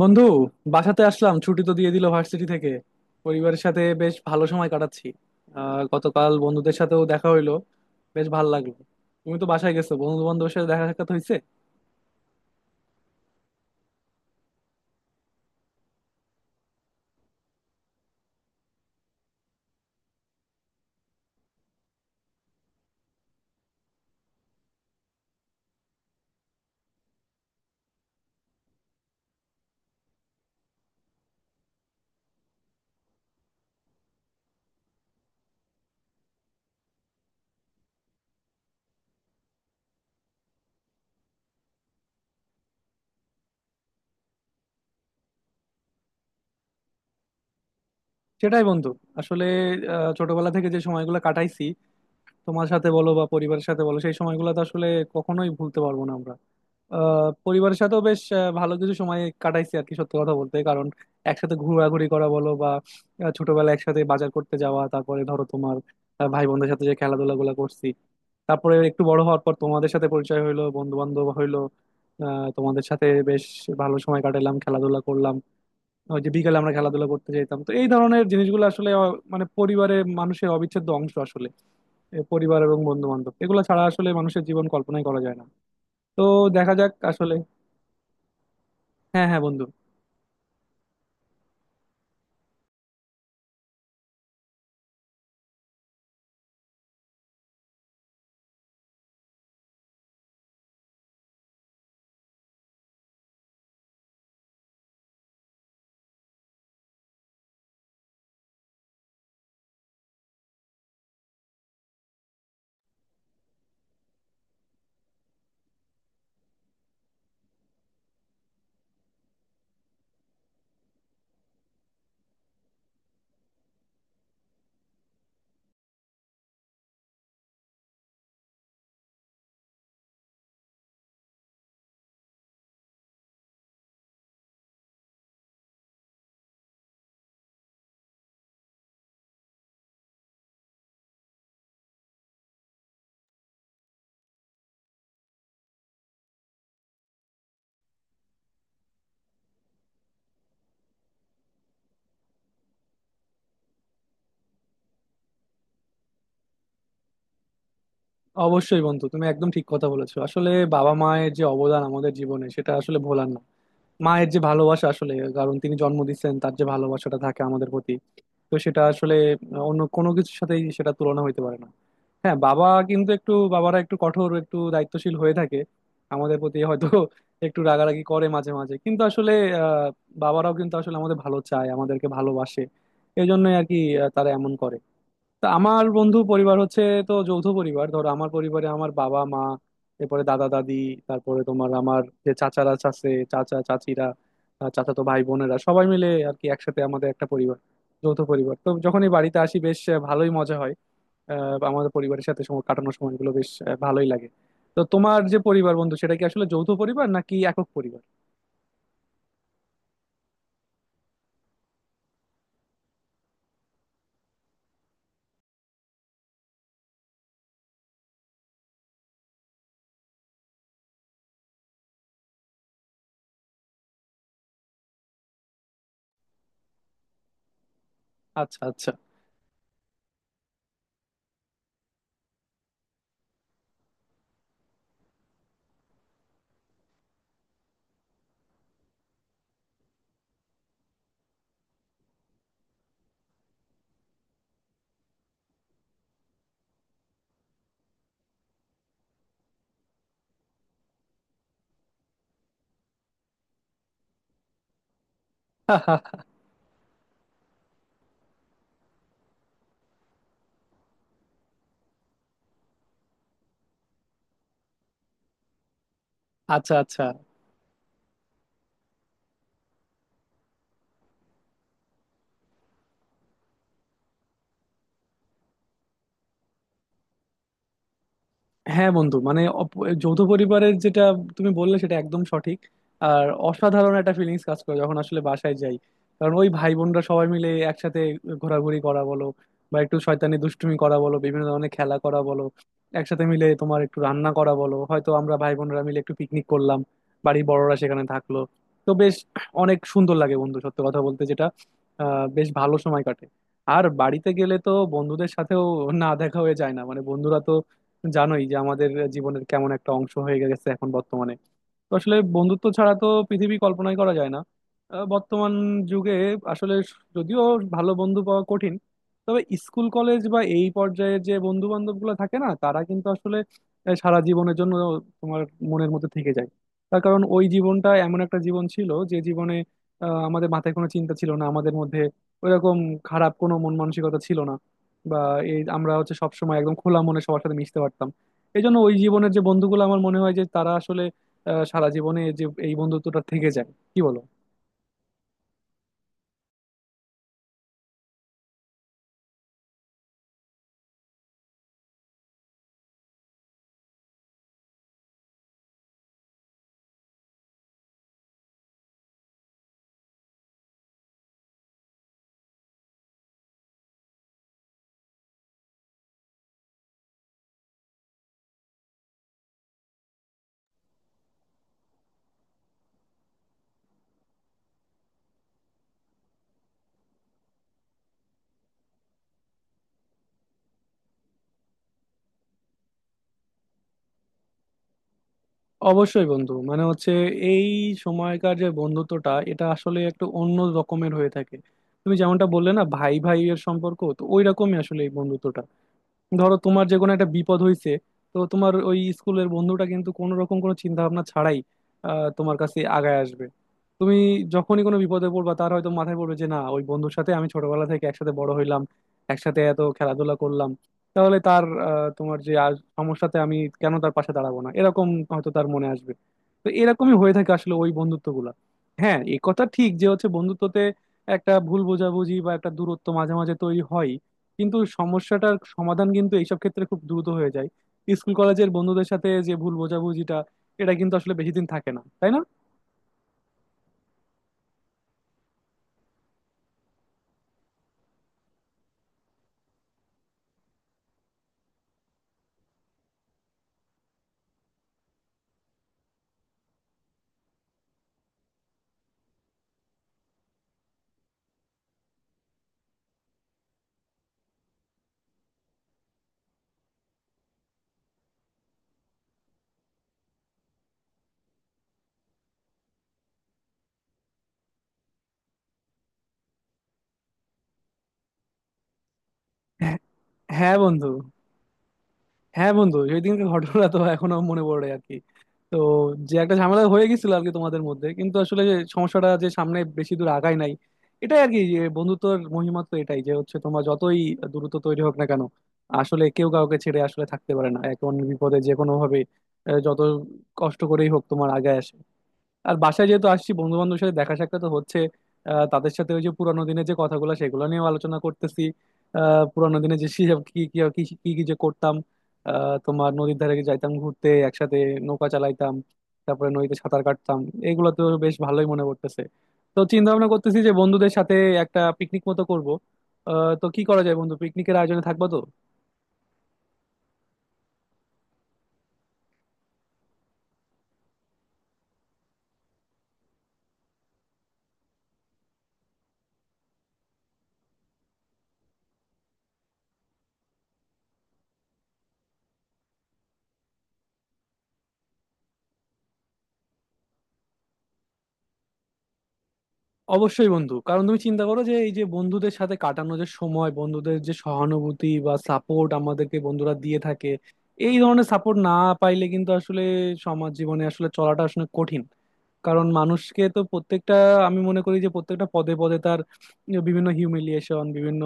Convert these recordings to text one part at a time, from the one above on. বন্ধু, বাসাতে আসলাম। ছুটি তো দিয়ে দিল ভার্সিটি থেকে। পরিবারের সাথে বেশ ভালো সময় কাটাচ্ছি। গতকাল বন্ধুদের সাথেও দেখা হইলো, বেশ ভালো লাগলো। তুমি তো বাসায় গেছো, বন্ধু বান্ধবের সাথে দেখা সাক্ষাৎ হয়েছে? সেটাই বন্ধু। আসলে ছোটবেলা থেকে যে সময়গুলো কাটাইছি তোমার সাথে বলো বা পরিবারের সাথে বলো, সেই সময়গুলো তো আসলে কখনোই ভুলতে পারবো না আমরা। পরিবারের সাথেও বেশ ভালো কিছু সময় কাটাইছি আর কি। সত্যি কথা বলতে, কারণ একসাথে ঘোরাঘুরি করা বলো বা ছোটবেলায় একসাথে বাজার করতে যাওয়া, তারপরে ধরো তোমার ভাই বোনদের সাথে যে খেলাধুলা গুলা করছি। তারপরে একটু বড় হওয়ার পর তোমাদের সাথে পরিচয় হইলো, বন্ধু বান্ধব হইলো। তোমাদের সাথে বেশ ভালো সময় কাটালাম, খেলাধুলা করলাম। ওই যে বিকালে আমরা খেলাধুলা করতে যেতাম, তো এই ধরনের জিনিসগুলো আসলে মানে পরিবারের মানুষের অবিচ্ছেদ্য অংশ আসলে। এ পরিবার এবং বন্ধু বান্ধব এগুলো ছাড়া আসলে মানুষের জীবন কল্পনাই করা যায় না। তো দেখা যাক আসলে। হ্যাঁ হ্যাঁ বন্ধু। অবশ্যই বন্ধু, তুমি একদম ঠিক কথা বলেছো। আসলে বাবা মায়ের যে অবদান আমাদের জীবনে, সেটা আসলে ভোলার না। মায়ের যে ভালোবাসা, আসলে কারণ তিনি জন্ম দিচ্ছেন, তার যে ভালোবাসাটা থাকে আমাদের প্রতি, তো সেটা আসলে অন্য কোনো কিছুর সাথেই সেটা তুলনা হইতে পারে না। হ্যাঁ বাবা কিন্তু একটু, বাবারা একটু কঠোর, একটু দায়িত্বশীল হয়ে থাকে আমাদের প্রতি। হয়তো একটু রাগারাগি করে মাঝে মাঝে, কিন্তু আসলে আহ বাবারাও কিন্তু আসলে আমাদের ভালো চায়, আমাদেরকে ভালোবাসে। এই জন্যই আর কি তারা এমন করে। তা আমার বন্ধু পরিবার হচ্ছে, তো যৌথ পরিবার। ধরো আমার পরিবারে আমার বাবা মা, এরপরে দাদা দাদি, তারপরে তোমার আমার যে চাচারা, চাচা চাচিরা, চাচাতো ভাই বোনেরা সবাই মিলে আর কি একসাথে আমাদের একটা পরিবার, যৌথ পরিবার। তো যখনই বাড়িতে আসি বেশ ভালোই মজা হয়। আমাদের পরিবারের সাথে সময় কাটানোর সময়গুলো বেশ ভালোই লাগে। তো তোমার যে পরিবার বন্ধু, সেটা কি আসলে যৌথ পরিবার নাকি একক পরিবার? আচ্ছা আচ্ছা। আচ্ছা আচ্ছা। হ্যাঁ বন্ধু মানে যৌথ পরিবারের যেটা তুমি বললে, সেটা একদম সঠিক। আর অসাধারণ একটা ফিলিংস কাজ করে যখন আসলে বাসায় যাই। কারণ ওই ভাই বোনরা সবাই মিলে একসাথে ঘোরাঘুরি করা বলো, বা একটু শয়তানি দুষ্টুমি করা বলো, বিভিন্ন ধরনের খেলা করা বলো, একসাথে মিলে তোমার একটু রান্না করা বলো, হয়তো আমরা ভাই বোনরা মিলে একটু পিকনিক করলাম, বাড়ির বড়রা সেখানে থাকলো, তো বেশ অনেক সুন্দর লাগে বন্ধু সত্য কথা বলতে। যেটা বেশ ভালো সময় কাটে। আর বাড়িতে গেলে তো বন্ধুদের সাথেও না দেখা হয়ে যায় না। মানে বন্ধুরা তো জানোই যে আমাদের জীবনের কেমন একটা অংশ হয়ে গেছে এখন বর্তমানে। তো আসলে বন্ধুত্ব ছাড়া তো পৃথিবী কল্পনাই করা যায় না বর্তমান যুগে। আসলে যদিও ভালো বন্ধু পাওয়া কঠিন, তবে স্কুল কলেজ বা এই পর্যায়ে যে বন্ধু বান্ধব গুলো থাকে না, তারা কিন্তু আসলে সারা জীবনের জন্য তোমার মনের মধ্যে থেকে যায়। তার কারণ ওই জীবনটা এমন একটা জীবন ছিল যে জীবনে আমাদের মাথায় কোনো চিন্তা ছিল না। আমাদের মধ্যে ওইরকম খারাপ কোনো মন মানসিকতা ছিল না। বা এই আমরা হচ্ছে সবসময় একদম খোলা মনে সবার সাথে মিশতে পারতাম। এই জন্য ওই জীবনের যে বন্ধুগুলো, আমার মনে হয় যে তারা আসলে সারা জীবনে যে এই বন্ধুত্বটা থেকে যায়, কি বলো? অবশ্যই বন্ধু, মানে হচ্ছে এই সময়কার যে বন্ধুত্বটা, এটা আসলে একটু অন্য রকমের হয়ে থাকে। তুমি যেমনটা বললে না, ভাই ভাইয়ের সম্পর্ক তো ওই রকমই আসলে এই বন্ধুত্বটা। ধরো তোমার যে কোনো একটা বিপদ হয়েছে, তো তোমার ওই স্কুলের বন্ধুটা কিন্তু কোনো রকম কোনো চিন্তা ভাবনা ছাড়াই তোমার কাছে আগায় আসবে। তুমি যখনই কোনো বিপদে পড়বা, তার হয়তো মাথায় পড়বে যে না ওই বন্ধুর সাথে আমি ছোটবেলা থেকে একসাথে বড় হইলাম, একসাথে এত খেলাধুলা করলাম, তাহলে তার তোমার যে আজ সমস্যাতে আমি কেন তার পাশে দাঁড়াবো না, এরকম হয়তো তার মনে আসবে। তো এরকমই হয়ে থাকে আসলে ওই বন্ধুত্বগুলা। হ্যাঁ, এ কথা ঠিক যে হচ্ছে বন্ধুত্বতে একটা ভুল বোঝাবুঝি বা একটা দূরত্ব মাঝে মাঝে তৈরি হয়, কিন্তু সমস্যাটার সমাধান কিন্তু এইসব ক্ষেত্রে খুব দ্রুত হয়ে যায়। স্কুল কলেজের বন্ধুদের সাথে যে ভুল বোঝাবুঝিটা, এটা কিন্তু আসলে বেশি দিন থাকে না, তাই না? হ্যাঁ হ্যাঁ বন্ধু। হ্যাঁ বন্ধু, ওই দিনকার ঘটনা তো এখনো মনে পড়ে আর কি। তো যে একটা ঝামেলা হয়ে গেছিল আর কি তোমাদের মধ্যে, কিন্তু আসলে যে সমস্যাটা যে সামনে বেশি দূর আগায় নাই, এটাই আর কি। যে বন্ধুত্বর মহিমা তো এটাই, যে হচ্ছে তোমার যতই দূরত্ব তৈরি হোক না কেন, আসলে কেউ কাউকে ছেড়ে আসলে থাকতে পারে না। এখন বিপদে যে কোনো ভাবে যত কষ্ট করেই হোক তোমার আগে আসে। আর বাসায় যেহেতু আসছি, বন্ধু বান্ধবের সাথে দেখা সাক্ষাৎ তো হচ্ছে। তাদের সাথে ওই যে পুরানো দিনের যে কথাগুলো সেগুলো নিয়েও আলোচনা করতেছি। পুরানো দিনে যে কি কি কি কি কি যে করতাম, তোমার নদীর ধারে যাইতাম ঘুরতে একসাথে, নৌকা চালাইতাম, তারপরে নদীতে সাঁতার কাটতাম। এগুলো তো বেশ ভালোই মনে পড়তেছে। তো চিন্তা ভাবনা করতেছি যে বন্ধুদের সাথে একটা পিকনিক মতো করব। তো কি করা যায় বন্ধু, পিকনিকের আয়োজনে থাকবো তো? অবশ্যই বন্ধু, কারণ তুমি চিন্তা করো যে এই যে বন্ধুদের সাথে কাটানো যে সময়, বন্ধুদের যে সহানুভূতি বা সাপোর্ট আমাদেরকে বন্ধুরা দিয়ে থাকে, এই ধরনের সাপোর্ট না পাইলে কিন্তু আসলে সমাজ জীবনে আসলে চলাটা আসলে কঠিন। কারণ মানুষকে তো প্রত্যেকটা, আমি মনে করি যে প্রত্যেকটা পদে পদে তার বিভিন্ন হিউমিলিয়েশন, বিভিন্ন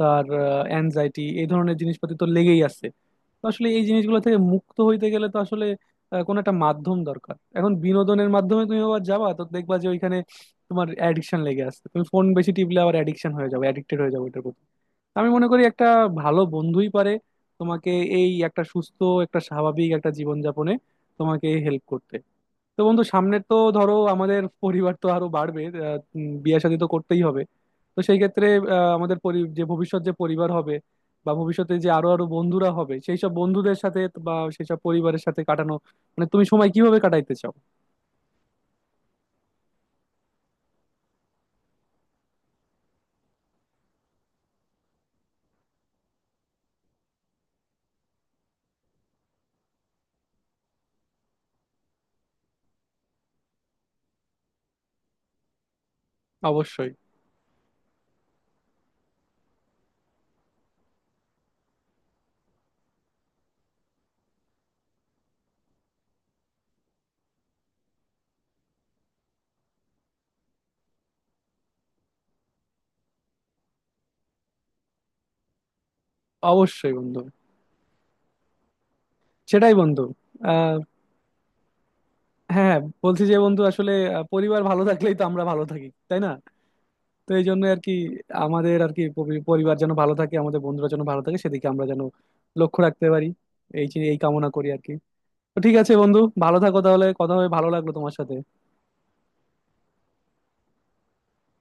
তার অ্যাংজাইটি, এই ধরনের জিনিসপাতি তো লেগেই আছে। তো আসলে এই জিনিসগুলো থেকে মুক্ত হইতে গেলে তো আসলে কোনো একটা মাধ্যম দরকার। এখন বিনোদনের মাধ্যমে তুমি আবার যাবা, তো দেখবা যে ওইখানে তোমার অ্যাডিকশন লেগে আসছে। তুমি ফোন বেশি টিপলে আবার অ্যাডিকশন হয়ে যাবে, অ্যাডিক্টেড হয়ে যাবে এটার প্রতি। আমি মনে করি একটা ভালো বন্ধুই পারে তোমাকে এই একটা সুস্থ একটা স্বাভাবিক একটা জীবনযাপনে তোমাকে হেল্প করতে। তো বন্ধু, সামনের তো ধরো আমাদের পরিবার তো আরো বাড়বে, বিয়ে শাদী তো করতেই হবে। তো সেই ক্ষেত্রে আমাদের যে ভবিষ্যৎ যে পরিবার হবে, বা ভবিষ্যতে যে আরো আরো বন্ধুরা হবে, সেই সব বন্ধুদের সাথে বা সেই সব পরিবারের সাথে কাটানো, মানে তুমি সময় কিভাবে কাটাইতে চাও? অবশ্যই। অবশ্যই বন্ধু। সেটাই বন্ধু। আহ হ্যাঁ হ্যাঁ, বলছি যে বন্ধু আসলে পরিবার ভালো থাকলেই তো আমরা ভালো থাকি, তাই না? তো এই জন্য আর কি আমাদের আর কি পরিবার যেন ভালো থাকে, আমাদের বন্ধুরা যেন ভালো থাকে, সেদিকে আমরা যেন লক্ষ্য রাখতে পারি, এই কামনা করি আর কি। তো ঠিক আছে বন্ধু, ভালো থাকো তাহলে। কথা হবে, ভালো লাগলো তোমার সাথে।